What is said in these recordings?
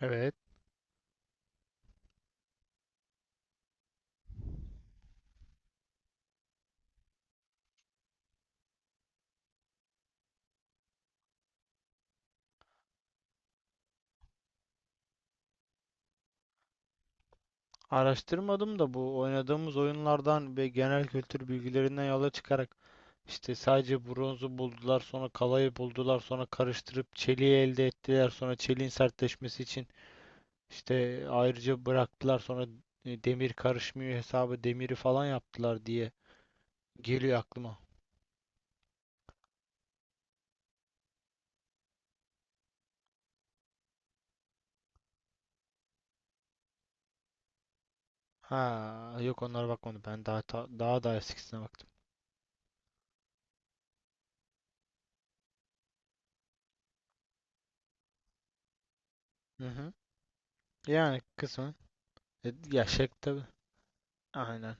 Evet. Araştırmadım da bu oynadığımız oyunlardan ve genel kültür bilgilerinden yola çıkarak işte sadece bronzu buldular, sonra kalayı buldular, sonra karıştırıp çeliği elde ettiler, sonra çeliğin sertleşmesi için işte ayrıca bıraktılar, sonra demir karışmıyor hesabı demiri falan yaptılar diye geliyor aklıma. Ha, yok, onlara bakmadım, ben daha da eskisine baktım. Hı hı. Yani kısmen. Ya tabii. Aynen.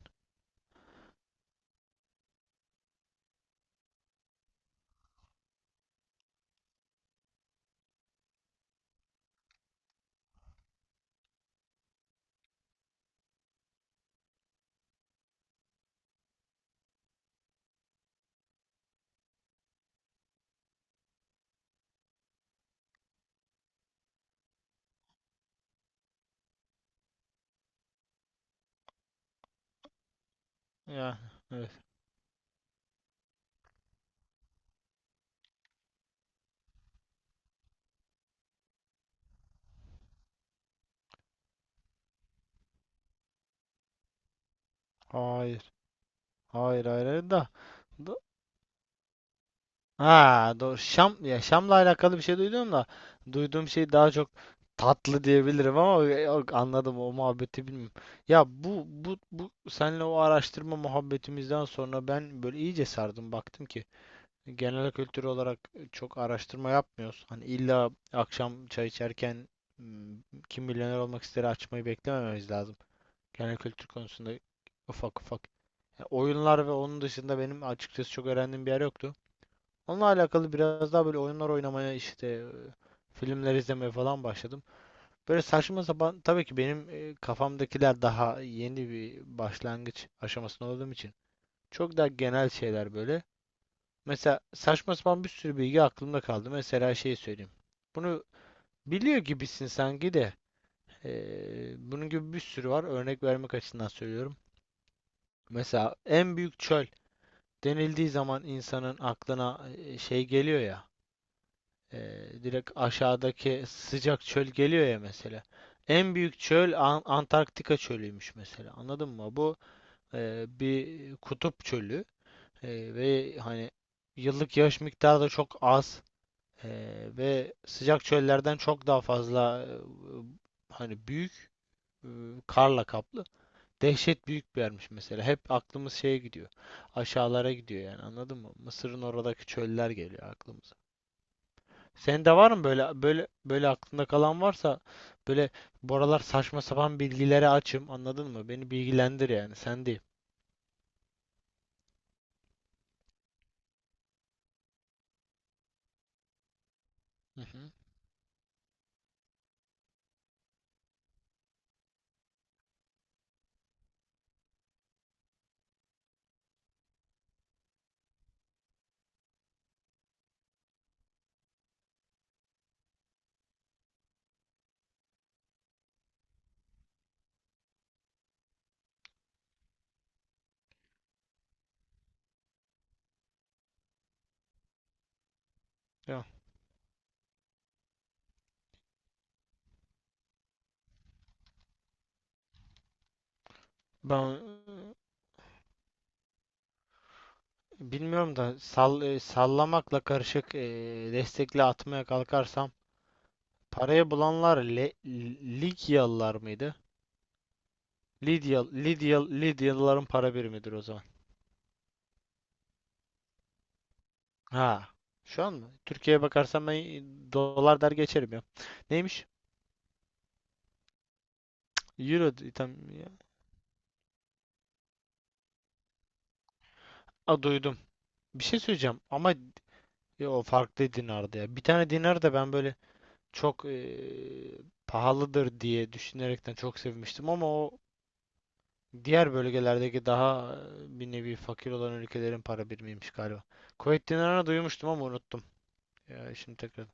Ya, evet. Hayır. Hayır, hayır, hayır da. da- Ha, doğru. Şam, ya, Şam'la alakalı bir şey duydum da duyduğum şey daha çok tatlı diyebilirim ama yok, anladım, o muhabbeti bilmiyorum. Ya, bu senle o araştırma muhabbetimizden sonra ben böyle iyice sardım, baktım ki genel kültür olarak çok araştırma yapmıyoruz. Hani illa akşam çay içerken hmm, kim milyoner olmak ister açmayı beklemememiz lazım. Genel kültür konusunda ufak ufak, ya, oyunlar ve onun dışında benim açıkçası çok öğrendiğim bir yer yoktu. Onunla alakalı biraz daha böyle oyunlar oynamaya işte filmler izlemeye falan başladım. Böyle saçma sapan tabii ki benim kafamdakiler daha yeni bir başlangıç aşamasında olduğum için çok daha genel şeyler böyle. Mesela saçma sapan bir sürü bilgi aklımda kaldı. Mesela şey söyleyeyim. Bunu biliyor gibisin sanki de bunun gibi bir sürü var. Örnek vermek açısından söylüyorum. Mesela en büyük çöl denildiği zaman insanın aklına şey geliyor ya, e, direkt aşağıdaki sıcak çöl geliyor ya mesela. En büyük çöl Antarktika çölüymüş mesela. Anladın mı? Bu bir kutup çölü. Ve hani yıllık yağış miktarı da çok az. E, ve sıcak çöllerden çok daha fazla, hani büyük, e, karla kaplı. Dehşet büyük bir yermiş mesela. Hep aklımız şeye gidiyor. Aşağılara gidiyor yani, anladın mı? Mısır'ın oradaki çöller geliyor aklımıza. Senin de var mı böyle aklında kalan varsa, böyle, bu aralar saçma sapan bilgilere açım, anladın mı? Beni bilgilendir, yani sen değil. Hı hı. Ya, ben bilmiyorum da sallamakla karışık destekli atmaya kalkarsam parayı bulanlar Ligyalılar mıydı? Lidya Lidyalıların para birimidir o zaman. Ha, şu an mı? Türkiye'ye bakarsan ben dolar der geçerim ya. Neymiş? Euro tam ya. A, duydum. Bir şey söyleyeceğim ama o farklı dinardı ya. Bir tane dinar da ben böyle çok pahalıdır diye düşünerekten çok sevmiştim ama o diğer bölgelerdeki daha bir nevi fakir olan ülkelerin para birimiymiş galiba. Kuveyt dinarını duymuştum ama unuttum. Ya, şimdi tekrar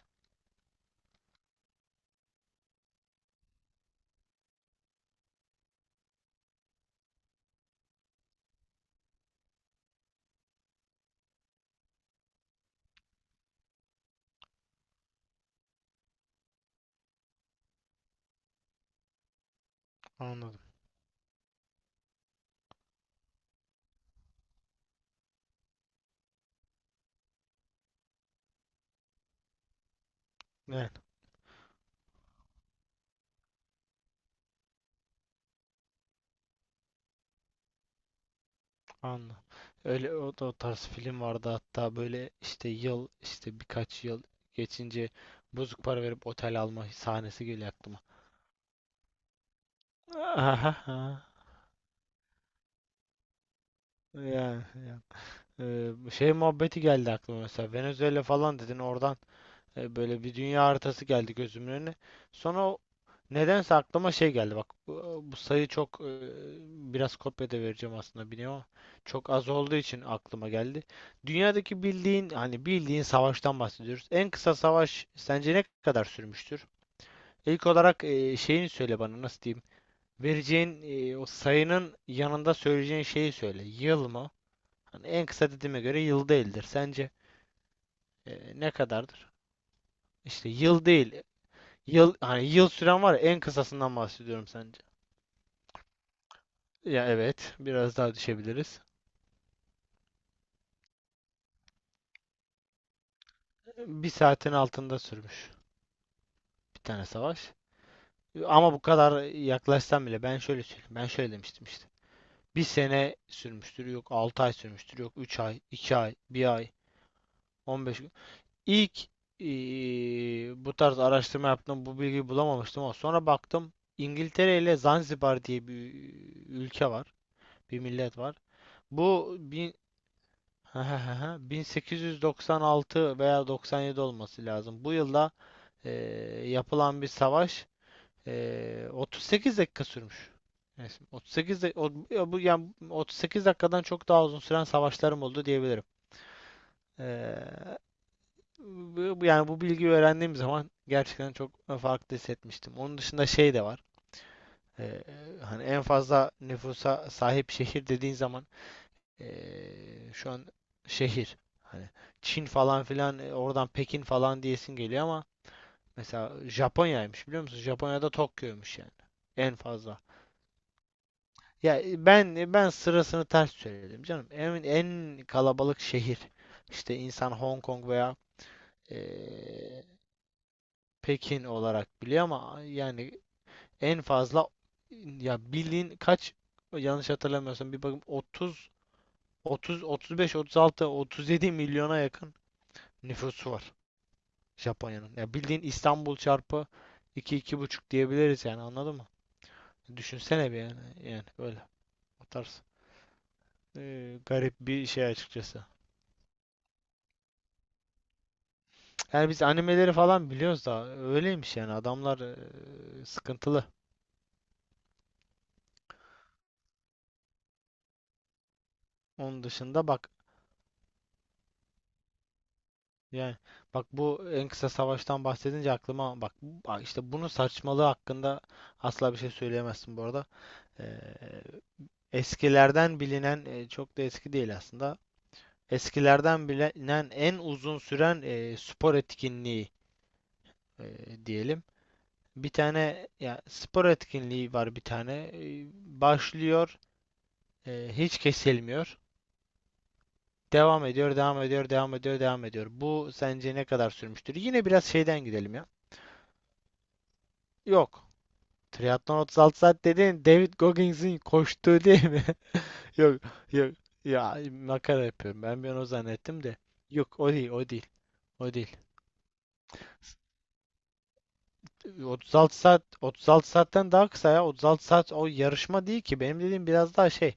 anladım. Anladım. Öyle, da o tarz film vardı hatta, böyle işte yıl, işte birkaç yıl geçince bozuk para verip otel alma sahnesi geliyor aklıma. Aha. Yani, yani. Şey muhabbeti geldi aklıma, mesela Venezuela falan dedin oradan. Böyle bir dünya haritası geldi gözümün önüne. Sonra nedense aklıma şey geldi. Bak, bu sayı çok, biraz kopya da vereceğim aslında biliyorum ama çok az olduğu için aklıma geldi. Dünyadaki bildiğin, hani bildiğin savaştan bahsediyoruz. En kısa savaş sence ne kadar sürmüştür? İlk olarak şeyini söyle bana, nasıl diyeyim? Vereceğin o sayının yanında söyleyeceğin şeyi söyle. Yıl mı? Hani en kısa dediğime göre yıl değildir. Sence ne kadardır? İşte yıl değil. Yıl, hani yıl süren var ya, en kısasından bahsediyorum sence. Ya evet, biraz daha düşebiliriz. Bir saatin altında sürmüş bir tane savaş. Ama bu kadar yaklaşsam bile ben şöyle söyleyeyim. Ben şöyle demiştim işte. Bir sene sürmüştür, yok 6 ay sürmüştür, yok 3 ay, 2 ay, bir ay, 15 gün. İlk bu tarz araştırma yaptım, bu bilgiyi bulamamıştım ama sonra baktım, İngiltere ile Zanzibar diye bir ülke var, bir millet var. Bu bin- 1896 veya 97 olması lazım. Bu yılda e, yapılan bir savaş 38 dakika sürmüş. Neyse, 38 ya bu yani 38 dakikadan çok daha uzun süren savaşlarım oldu diyebilirim. E, yani bu bilgiyi öğrendiğim zaman gerçekten çok farklı hissetmiştim. Onun dışında şey de var. E, hani en fazla nüfusa sahip şehir dediğin zaman, şu an şehir. Hani Çin falan filan, oradan Pekin falan diyesin geliyor ama mesela Japonya'ymış, biliyor musun? Japonya'da Tokyo'ymuş yani. En fazla. Ya, ben sırasını ters söyledim canım. En kalabalık şehir. İşte insan Hong Kong veya eee, Pekin olarak biliyor ama yani en fazla, ya bildiğin kaç, yanlış hatırlamıyorsam bir bakayım, 30, 30, 35, 36, 37 milyona yakın nüfusu var Japonya'nın. Ya bildiğin İstanbul çarpı iki, iki buçuk diyebiliriz yani, anladın mı? Düşünsene bir yani, yani öyle, o tarz. Garip bir şey açıkçası. Yani biz animeleri falan biliyoruz da öyleymiş yani adamlar sıkıntılı. Onun dışında bak, yani bak, bu en kısa savaştan bahsedince aklıma bak, işte bunun saçmalığı hakkında asla bir şey söyleyemezsin bu arada. Ee, eskilerden bilinen, çok da eski değil aslında. Eskilerden bilinen en uzun süren spor etkinliği e, diyelim. Bir tane, ya, spor etkinliği var bir tane. Başlıyor, hiç kesilmiyor. Devam ediyor, devam ediyor, devam ediyor, devam ediyor. Bu sence ne kadar sürmüştür? Yine biraz şeyden gidelim ya. Yok. Triatlon 36 saat dedin, David Goggins'in koştuğu değil mi? Yok, yok. Ya, makara yapıyorum. Ben bir an o zannettim de. Yok, o değil, o değil. O değil. 36 saat, 36 saatten daha kısa ya. 36 saat o yarışma değil ki. Benim dediğim biraz daha şey.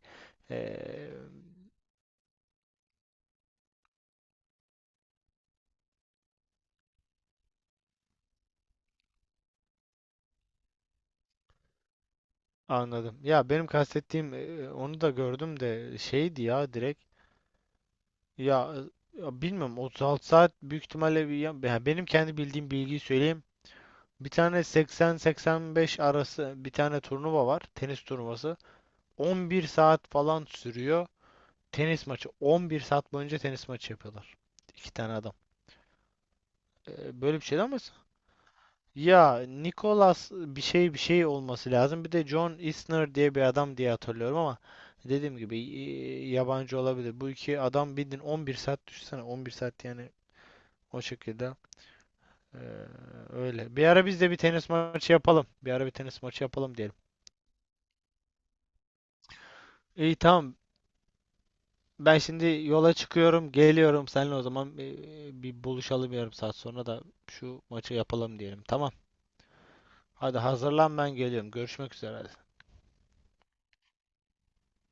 Eee, anladım. Ya benim kastettiğim onu da gördüm de şeydi ya, direkt. Ya, ya bilmiyorum, 36 saat büyük ihtimalle bir, ya benim kendi bildiğim bilgiyi söyleyeyim. Bir tane 80-85 arası bir tane turnuva var. Tenis turnuvası. 11 saat falan sürüyor. Tenis maçı. 11 saat boyunca tenis maçı yapıyorlar. İki tane adam. Böyle bir şey de ama, ya, Nicholas bir şey bir şey olması lazım. Bir de John Isner diye bir adam diye hatırlıyorum ama dediğim gibi yabancı olabilir. Bu iki adam bildin 11 saat, düşünsene 11 saat yani o şekilde. Ee, öyle. Bir ara biz de bir tenis maçı yapalım. Bir ara bir tenis maçı yapalım diyelim. İyi, tamam. Ben şimdi yola çıkıyorum, geliyorum. Seninle o zaman bir buluşalım yarım saat sonra da şu maçı yapalım diyelim. Tamam. Hadi hazırlan, ben geliyorum. Görüşmek üzere.